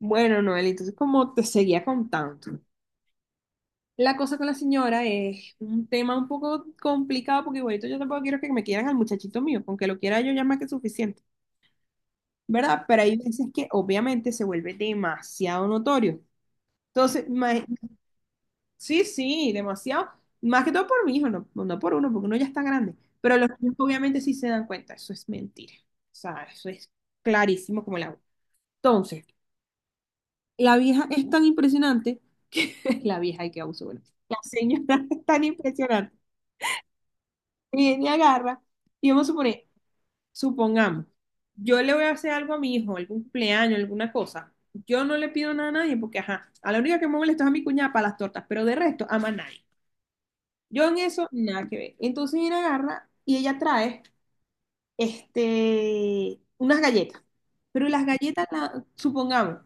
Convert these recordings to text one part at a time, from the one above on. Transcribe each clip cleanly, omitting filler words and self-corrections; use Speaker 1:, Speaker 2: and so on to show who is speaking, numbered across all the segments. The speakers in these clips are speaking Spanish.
Speaker 1: Bueno, Noel, entonces como te seguía contando, la cosa con la señora es un tema un poco complicado porque igualito yo tampoco quiero que me quieran al muchachito mío, aunque lo quiera yo ya más que suficiente, ¿verdad? Pero hay veces que obviamente se vuelve demasiado notorio. Entonces, sí, sí, demasiado, más que todo por mi hijo, no, no por uno, porque uno ya está grande, pero los niños obviamente sí se dan cuenta, eso es mentira, o sea, eso es clarísimo como el agua. Entonces, la vieja es tan impresionante. La vieja y que abuso, bueno. La señora es tan impresionante. Viene y agarra. Y vamos a suponer, supongamos, yo le voy a hacer algo a mi hijo, algún cumpleaños, alguna cosa. Yo no le pido nada a nadie porque, ajá, a la única que me molesta es a mi cuñada para las tortas, pero de resto, ama a nadie. Yo en eso, nada que ver. Entonces viene, agarra y ella trae, unas galletas. Pero las galletas, supongamos,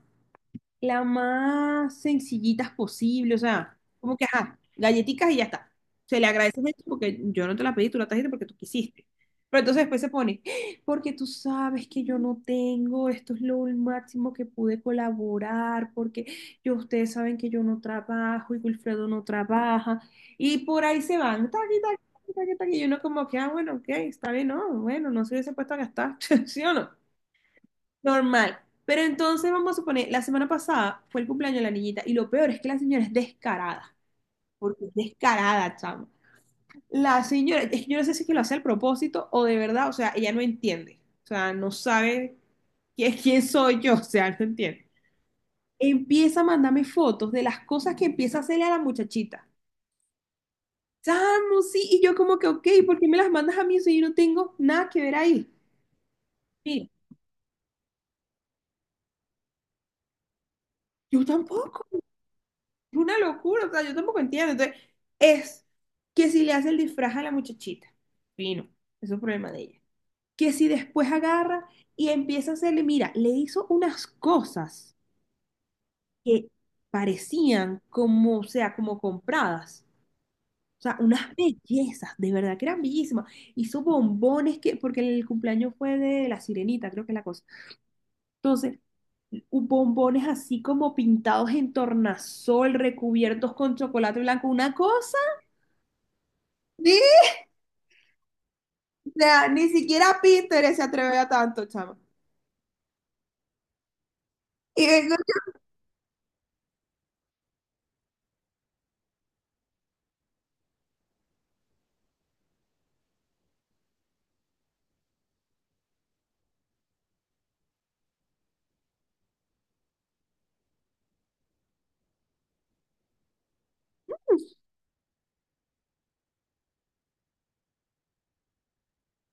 Speaker 1: la más sencillitas posible, o sea, como que, ajá, galletitas y ya está. Se le agradece mucho porque yo no te la pedí, tú la trajiste porque tú quisiste. Pero entonces después se pone, porque tú sabes que yo no tengo, esto es lo máximo que pude colaborar, porque ustedes saben que yo no trabajo y Wilfredo no trabaja, y por ahí se van, taqui, taqui, taqui, taqui, taqui, y uno como que, ah, bueno, ok, está bien, no, bueno, no se hubiese puesto a gastar, ¿sí o no? Normal. Pero entonces vamos a suponer, la semana pasada fue el cumpleaños de la niñita y lo peor es que la señora es descarada, porque es descarada, chamo. La señora, es que yo no sé si es que lo hace al propósito o de verdad, o sea, ella no entiende, o sea, no sabe quién, quién soy yo, o sea, no entiende. Empieza a mandarme fotos de las cosas que empieza a hacerle a la muchachita. Chamo, sí, y yo como que, ok, ¿por qué me las mandas a mí si yo no tengo nada que ver ahí? Mira, yo tampoco. Es una locura, o sea, yo tampoco entiendo. Entonces, es que si le hace el disfraz a la muchachita, fino, eso es problema de ella. Que si después agarra y empieza a hacerle, mira, le hizo unas cosas que parecían como, o sea, como compradas. O sea, unas bellezas, de verdad que eran bellísimas. Hizo bombones que, porque el cumpleaños fue de la sirenita, creo que es la cosa. Entonces, bombones así como pintados en tornasol, recubiertos con chocolate blanco, una cosa. O sea, ni siquiera Pinterest se atreve a tanto, chama. Y vengo,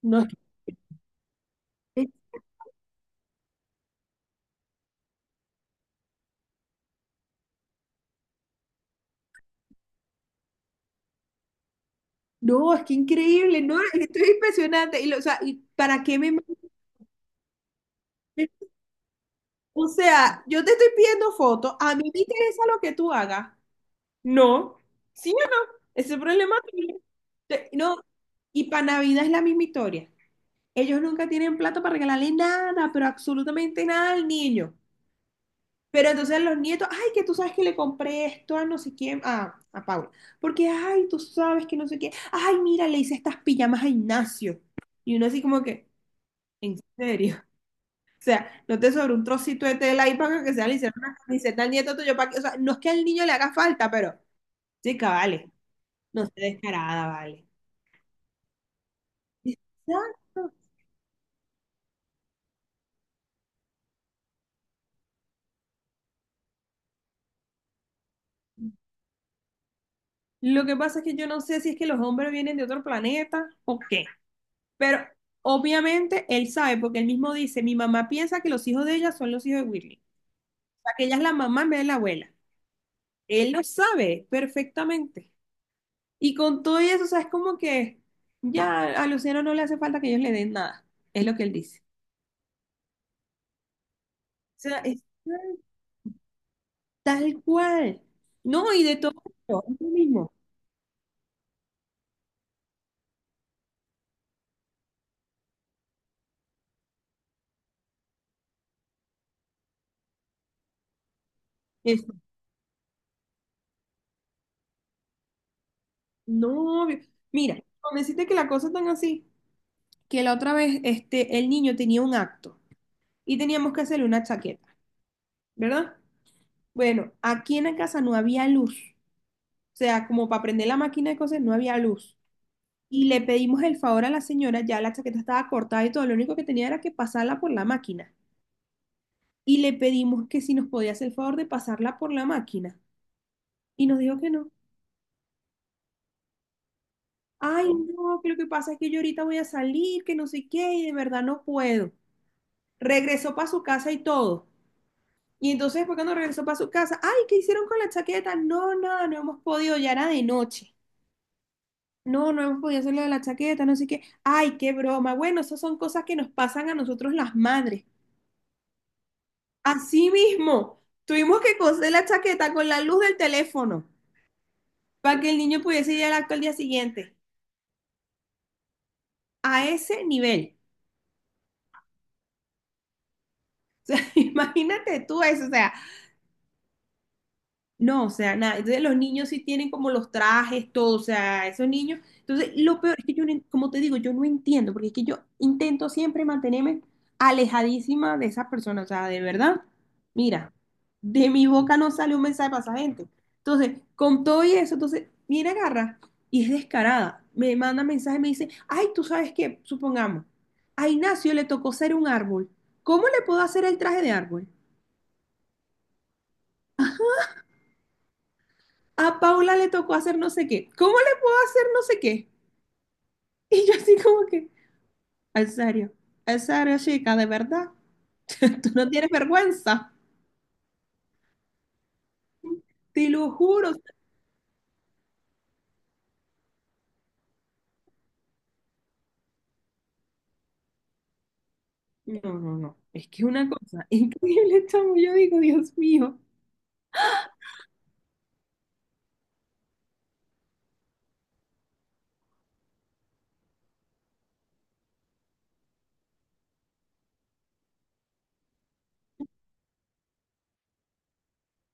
Speaker 1: No, es eh, no, es que increíble, no, esto es impresionante. Y, o sea, ¿y para qué me mandas? O sea, yo te estoy pidiendo fotos, a mí me interesa lo que tú hagas. No, sí, ajá, ese problema tuyo. No, y para Navidad es la misma historia. Ellos nunca tienen plato para regalarle nada, pero absolutamente nada al niño. Pero entonces los nietos, ay, que tú sabes que le compré esto a no sé quién, a Paula, porque, ay, tú sabes que no sé qué, ay, mira, le hice estas pijamas a Ignacio. Y uno así como que, ¿en serio? O sea, no te sobró un trocito de tela ahí para que sea le hicieron una camiseta al nieto tuyo, para que, o sea, no es que al niño le haga falta, pero, chica, vale, no sé, descarada, vale. Exacto. Lo que pasa es que yo no sé si es que los hombres vienen de otro planeta o qué. Pero obviamente él sabe, porque él mismo dice, mi mamá piensa que los hijos de ella son los hijos de Whitney. O sea, que ella es la mamá en vez de la abuela. Él lo sabe perfectamente. Y con todo eso, o sea, es como que ya a Luciano no le hace falta que ellos le den nada. Es lo que él dice. O sea, es tal cual. No, y de todo esto, es lo mismo. Eso. No, obvio. Mira, con decirte que la cosa es tan así, que la otra vez el niño tenía un acto y teníamos que hacerle una chaqueta, ¿verdad? Bueno, aquí en la casa no había luz. O sea, como para prender la máquina de coser, no había luz. Y le pedimos el favor a la señora, ya la chaqueta estaba cortada y todo, lo único que tenía era que pasarla por la máquina. Y le pedimos que si nos podía hacer el favor de pasarla por la máquina. Y nos dijo que no. Ay, no, que lo que pasa es que yo ahorita voy a salir, que no sé qué, y de verdad no puedo. Regresó para su casa y todo. Y entonces, fue no regresó para su casa, ay, ¿qué hicieron con la chaqueta? No, nada, no hemos podido, ya era de noche. No, no hemos podido hacer lo de la chaqueta, no sé qué. Ay, qué broma. Bueno, esas son cosas que nos pasan a nosotros las madres. Así mismo, tuvimos que coser la chaqueta con la luz del teléfono para que el niño pudiese ir al acto al día siguiente. A ese nivel. Imagínate tú eso, o sea, no, o sea, nada. Entonces los niños sí tienen como los trajes, todo, o sea, esos niños. Entonces, lo peor es que yo, no en- como te digo, yo no entiendo, porque es que yo intento siempre mantenerme alejadísima de esas personas, o sea, de verdad. Mira, de mi boca no sale un mensaje para esa gente. Entonces, con todo y eso, entonces, viene, agarra y es descarada. Me manda mensaje, me dice, ay, tú sabes qué, supongamos, a Ignacio le tocó ser un árbol. ¿Cómo le puedo hacer el traje de árbol? A Paula le tocó hacer no sé qué. ¿Cómo le puedo hacer no sé qué? Y yo así como que, ¿en serio, ¿en serio, chica, de verdad? Tú no tienes vergüenza, te lo juro. No, no, no. Es que es una cosa increíble, chamo. Yo digo, Dios mío.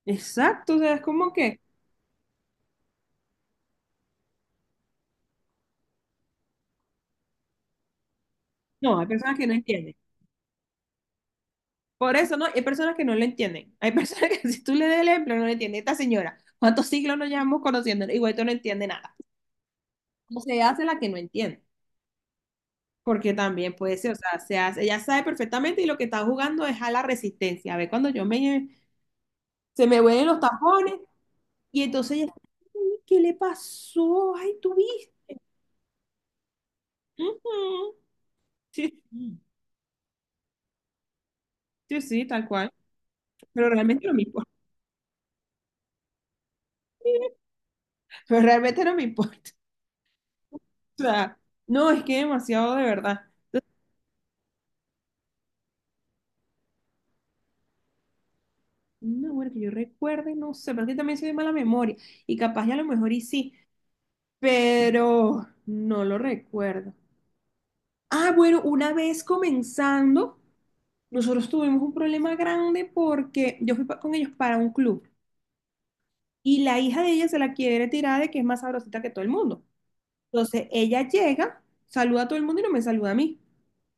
Speaker 1: Exacto, o sea, es como que, no, hay personas que no entienden. Por eso no, hay personas que no lo entienden. Hay personas que si tú le das el ejemplo no lo entienden. Esta señora, ¿cuántos siglos nos llevamos conociendo? Igual tú no entiende nada. O se hace la que no entiende. Porque también puede ser, o sea, ella sabe perfectamente y lo que está jugando es a la resistencia. A ver, se me vuelven los tapones y entonces ella, "Ay, ¿qué le pasó? Ay, tú viste." Ujú. Sí, sí, sí, tal cual. Pero realmente no me importa. Pero realmente no me importa. O sea, no, es que demasiado de verdad. No, bueno, que yo recuerde, no sé, pero es que también soy de mala memoria. Y capaz ya a lo mejor y sí, pero no lo recuerdo. Ah, bueno, una vez comenzando. Nosotros tuvimos un problema grande porque yo fui con ellos para un club y la hija de ella se la quiere tirar de que es más sabrosita que todo el mundo. Entonces ella llega, saluda a todo el mundo y no me saluda a mí.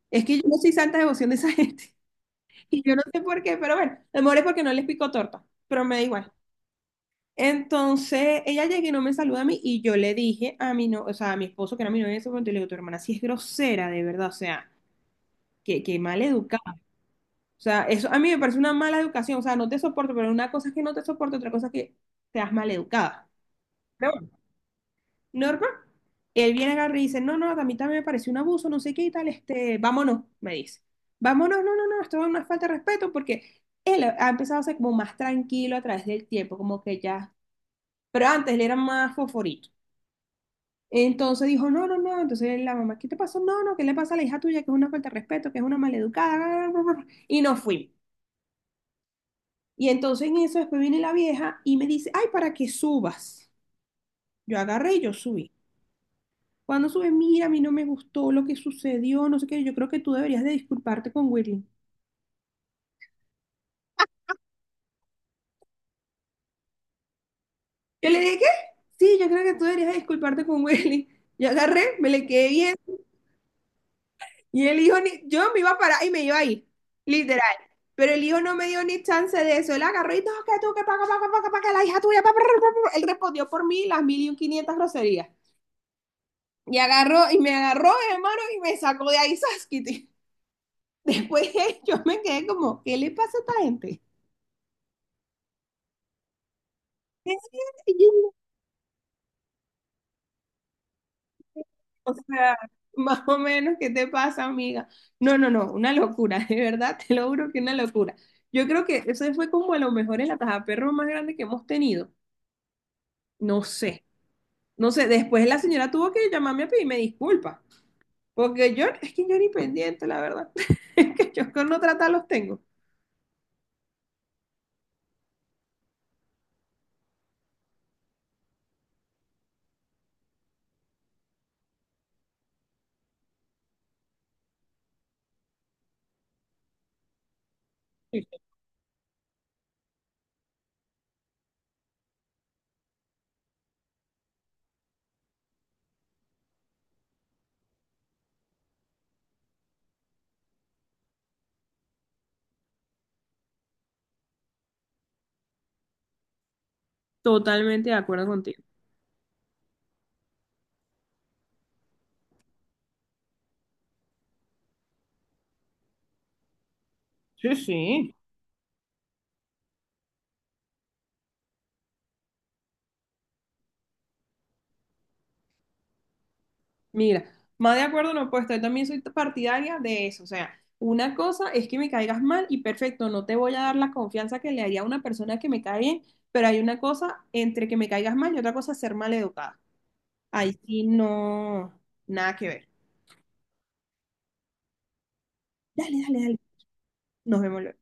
Speaker 1: Es que yo no soy santa devoción de esa gente y yo no sé por qué, pero bueno, a lo mejor es porque no les pico torta, pero me da igual. Entonces ella llega y no me saluda a mí y yo le dije a mi no, o sea, a mi esposo que era mi novio en ese momento, y le digo, tu hermana sí es grosera, de verdad, o sea, que, mal educada. O sea, eso a mí me parece una mala educación. O sea, no te soporto, pero una cosa es que no te soporto, otra cosa es que seas mal educada. Pero bueno, Norma, él viene agarra y dice, no, no, a mí también me pareció un abuso, no sé qué y tal, vámonos, me dice. Vámonos, no, no, no, esto es una falta de respeto porque él ha empezado a ser como más tranquilo a través del tiempo, como que ya, pero antes le era más fosforito. Entonces dijo, no, no, no, entonces la mamá, ¿qué te pasó? No, no, ¿qué le pasa a la hija tuya? Que es una falta de respeto, que es una maleducada, y nos fuimos. Y entonces en eso después viene la vieja y me dice, ay, para que subas. Yo agarré y yo subí. Cuando sube, mira, a mí no me gustó lo que sucedió, no sé qué, yo creo que tú deberías de disculparte con Willy. Yo le dije, ¿qué? Sí, yo creo que tú deberías de disculparte con Willy. Yo agarré, me le quedé bien y el hijo, yo me iba a parar y me iba a ir, literal. Pero el hijo no me dio ni chance de eso. Él agarró y todo, que tú, que paga, paga, paga, paga, la hija tuya, pa, pa, pa, pa, pa". Él respondió por mí las mil y un quinientas groserías. Y agarró, y me agarró de mano y me sacó de ahí Saskity. Después yo me quedé como, ¿qué le pasa a esta gente? Y yo, o sea, más o menos, ¿qué te pasa, amiga? No, no, no, una locura, de verdad, te lo juro que una locura. Yo creo que ese fue como a lo mejor el perro más grande que hemos tenido. No sé, no sé, después la señora tuvo que llamarme a pedirme disculpas, porque es que yo ni pendiente, la verdad, es que yo con no tratar los tengo. Sí, totalmente de acuerdo contigo. Sí, sí. Mira, más de acuerdo no he puesto, yo también soy partidaria de eso, o sea, una cosa es que me caigas mal y perfecto, no te voy a dar la confianza que le haría a una persona que me cae bien, pero hay una cosa entre que me caigas mal y otra cosa ser mal educada. Ahí sí no, nada que ver. Dale, dale, dale. Nos vemos luego.